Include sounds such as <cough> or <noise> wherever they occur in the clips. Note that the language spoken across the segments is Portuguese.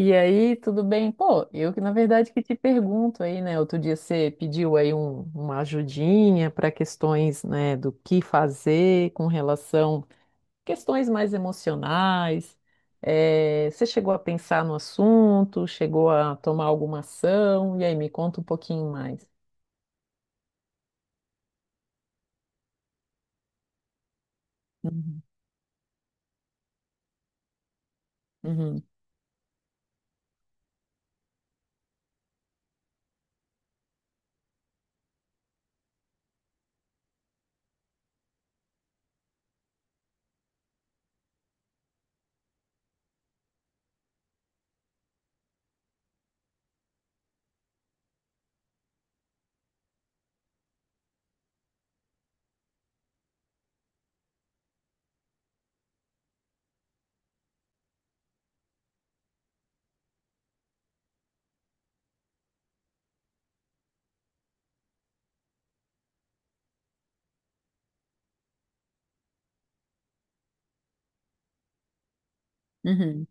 E aí, tudo bem? Pô, eu que na verdade que te pergunto aí, né? Outro dia você pediu aí uma ajudinha para questões, né, do que fazer com relação questões mais emocionais. Você chegou a pensar no assunto, chegou a tomar alguma ação? E aí, me conta um pouquinho mais. Uhum. Uhum. Uhum.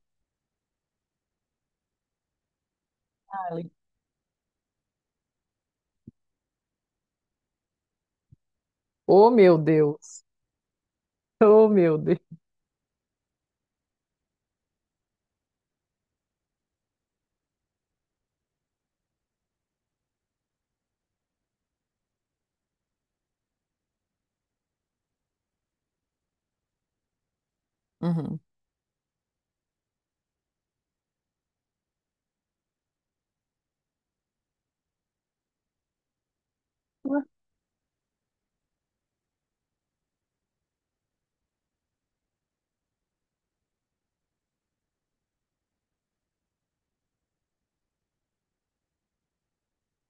Ah, le- Oh, meu Deus! <laughs> Oh, meu Deus! Uhum. Ué.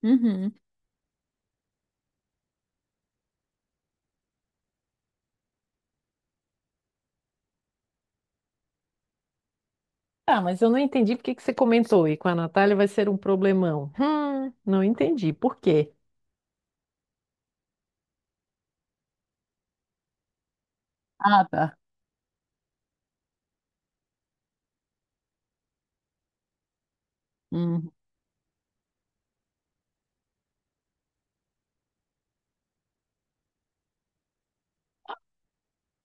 Uhum. Ah, mas eu não entendi por que que você comentou. E com a Natália vai ser um problemão. Não entendi. Por quê? Ah, tá. Hum,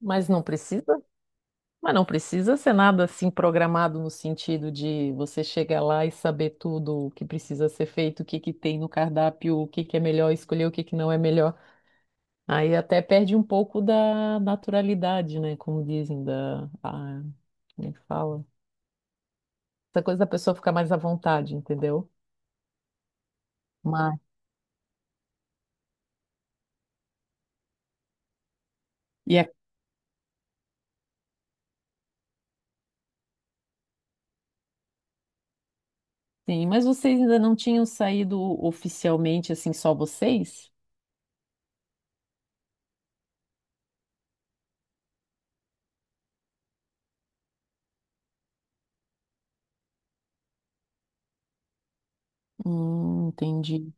mas não precisa? Mas não precisa ser nada assim programado no sentido de você chegar lá e saber tudo o que precisa ser feito, o que que tem no cardápio, o que que é melhor escolher, o que que não é melhor. Aí até perde um pouco da naturalidade, né? Como dizem, como é que fala? Essa coisa da pessoa ficar mais à vontade, entendeu? Mas, E Sim, mas vocês ainda não tinham saído oficialmente, assim, só vocês? Entendi.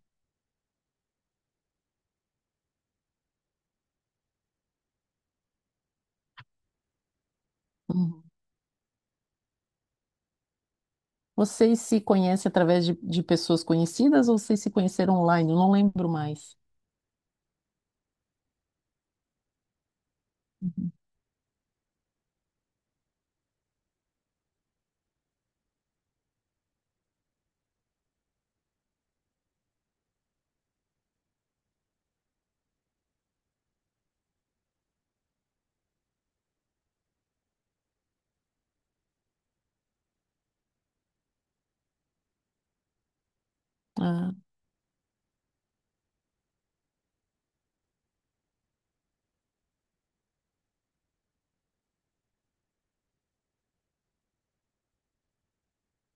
Uhum. Vocês se conhecem através de pessoas conhecidas ou vocês se conheceram online? Eu não lembro mais. Uhum. Ah,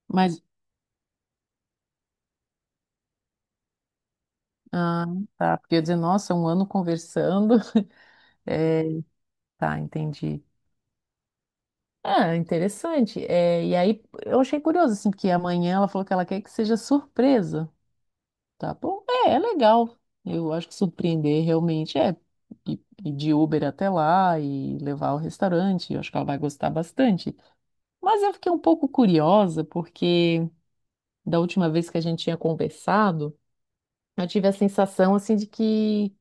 mas, ah, tá, porque eu ia dizer, nossa, um ano conversando. <laughs> É, tá, entendi. Ah, interessante. É, e aí, eu achei curioso, assim, porque amanhã ela falou que ela quer que seja surpresa. Tá bom? É, é legal. Eu acho que surpreender realmente é ir de Uber até lá e levar ao restaurante. Eu acho que ela vai gostar bastante. Mas eu fiquei um pouco curiosa porque da última vez que a gente tinha conversado, eu tive a sensação assim de que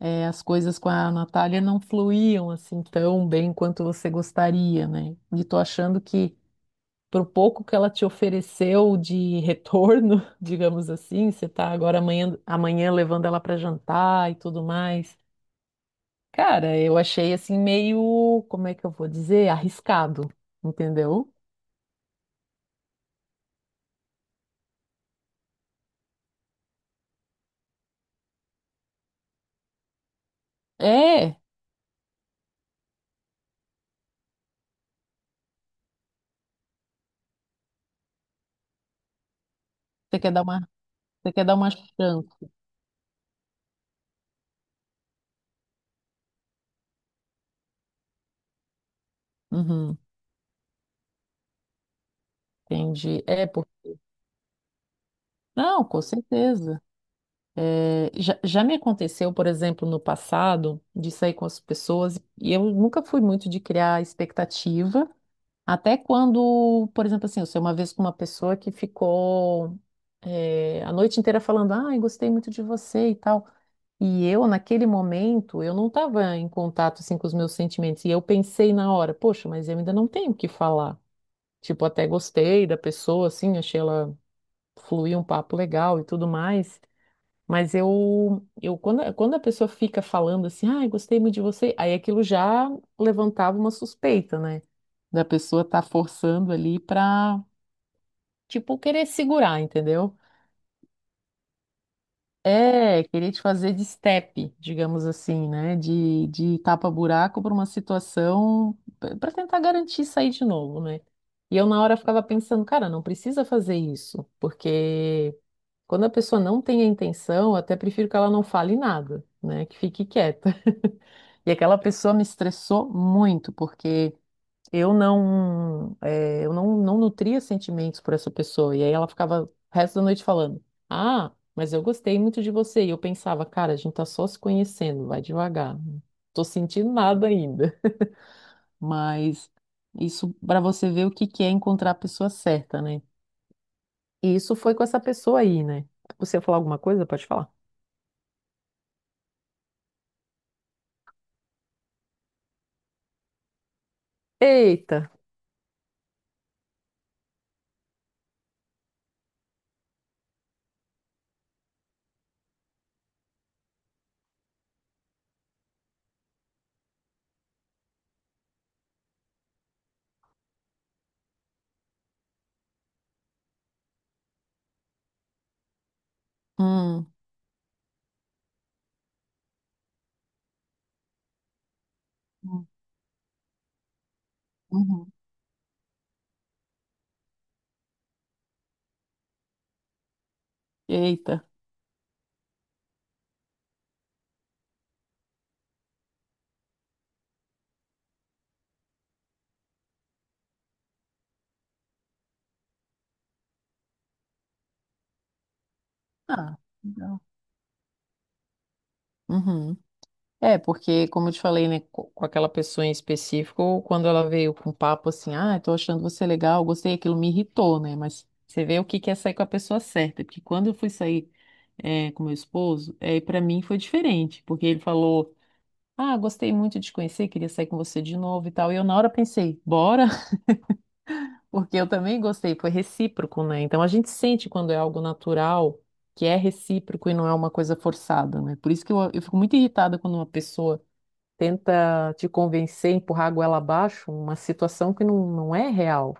as coisas com a Natália não fluíam assim tão bem quanto você gostaria, né? E tô achando que pro pouco que ela te ofereceu de retorno, <laughs> digamos assim, você tá agora amanhã, amanhã levando ela para jantar e tudo mais. Cara, eu achei assim meio, como é que eu vou dizer, arriscado, entendeu? É, você quer dar uma, você quer dar uma chance. Uhum, entendi. É, por... Não, com certeza. Já me aconteceu, por exemplo, no passado, de sair com as pessoas, e eu nunca fui muito de criar expectativa. Até quando, por exemplo, assim, eu sei uma vez com uma pessoa que ficou a noite inteira falando, ai, gostei muito de você e tal. E eu, naquele momento, eu não estava em contato, assim, com os meus sentimentos. E eu pensei na hora, poxa, mas eu ainda não tenho o que falar. Tipo, até gostei da pessoa, assim, achei ela fluir um papo legal e tudo mais. Mas eu, quando a pessoa fica falando assim, ai, gostei muito de você, aí aquilo já levantava uma suspeita, né? Da pessoa tá forçando ali pra, tipo, querer segurar, entendeu? É, querer te fazer de step, digamos assim, né? De tapa-buraco para uma situação para tentar garantir sair de novo, né? E eu na hora ficava pensando, cara, não precisa fazer isso, porque quando a pessoa não tem a intenção, eu até prefiro que ela não fale nada, né? Que fique quieta. <laughs> E aquela pessoa me estressou muito, porque eu não nutria sentimentos por essa pessoa. E aí ela ficava o resto da noite falando: Ah, mas eu gostei muito de você. E eu pensava, cara, a gente tá só se conhecendo, vai devagar. Não tô sentindo nada ainda. Mas isso pra você ver o que que é encontrar a pessoa certa, né? E isso foi com essa pessoa aí, né? Você ia falar alguma coisa? Pode falar. Eita! Hum. Hum. Uhum. Eita! Ah, legal. Uhum. É, porque, como eu te falei, né, com aquela pessoa em específico, quando ela veio com papo assim, ah, tô achando você legal, gostei, aquilo me irritou, né? Mas você vê o que que é sair com a pessoa certa, porque quando eu fui sair é, com meu esposo, é, para mim foi diferente, porque ele falou, ah, gostei muito de te conhecer, queria sair com você de novo e tal. E eu na hora pensei, bora, <laughs> porque eu também gostei, foi recíproco, né? Então a gente sente quando é algo natural, que é recíproco e não é uma coisa forçada, né? Por isso que eu fico muito irritada quando uma pessoa tenta te convencer, empurrar a goela abaixo, uma situação que não é real.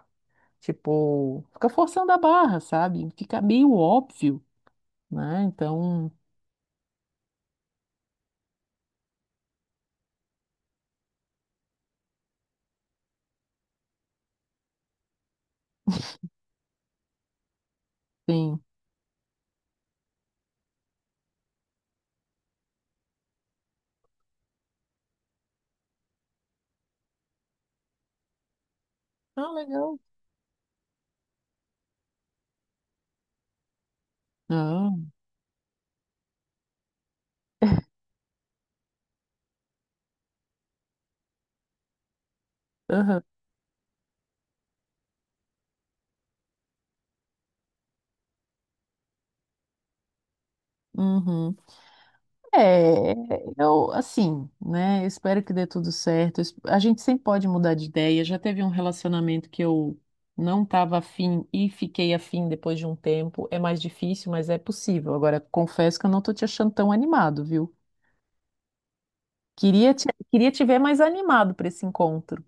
Tipo, fica forçando a barra, sabe? Fica meio óbvio, né? Então, sim. Ah, legal. Ah, aham, uhum. É, eu, assim, né? Eu espero que dê tudo certo. A gente sempre pode mudar de ideia. Já teve um relacionamento que eu não estava afim e fiquei afim depois de um tempo. É mais difícil, mas é possível. Agora, confesso que eu não tô te achando tão animado, viu? Queria te ver mais animado para esse encontro.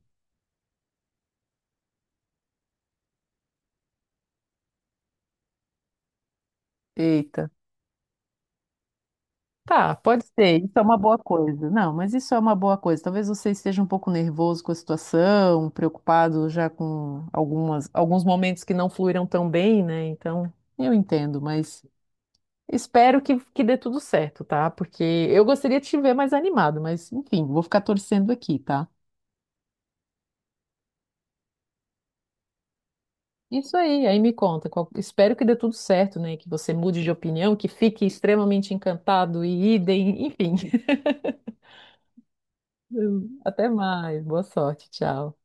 Eita. Tá, pode ser. Isso é uma boa coisa. Não, mas isso é uma boa coisa. Talvez você esteja um pouco nervoso com a situação, preocupado já com algumas, alguns momentos que não fluíram tão bem, né? Então, eu entendo, mas espero que dê tudo certo, tá? Porque eu gostaria de te ver mais animado, mas enfim, vou ficar torcendo aqui, tá? Isso aí, aí me conta. Espero que dê tudo certo, né? Que você mude de opinião, que fique extremamente encantado e idem, enfim. <laughs> Até mais, boa sorte, tchau.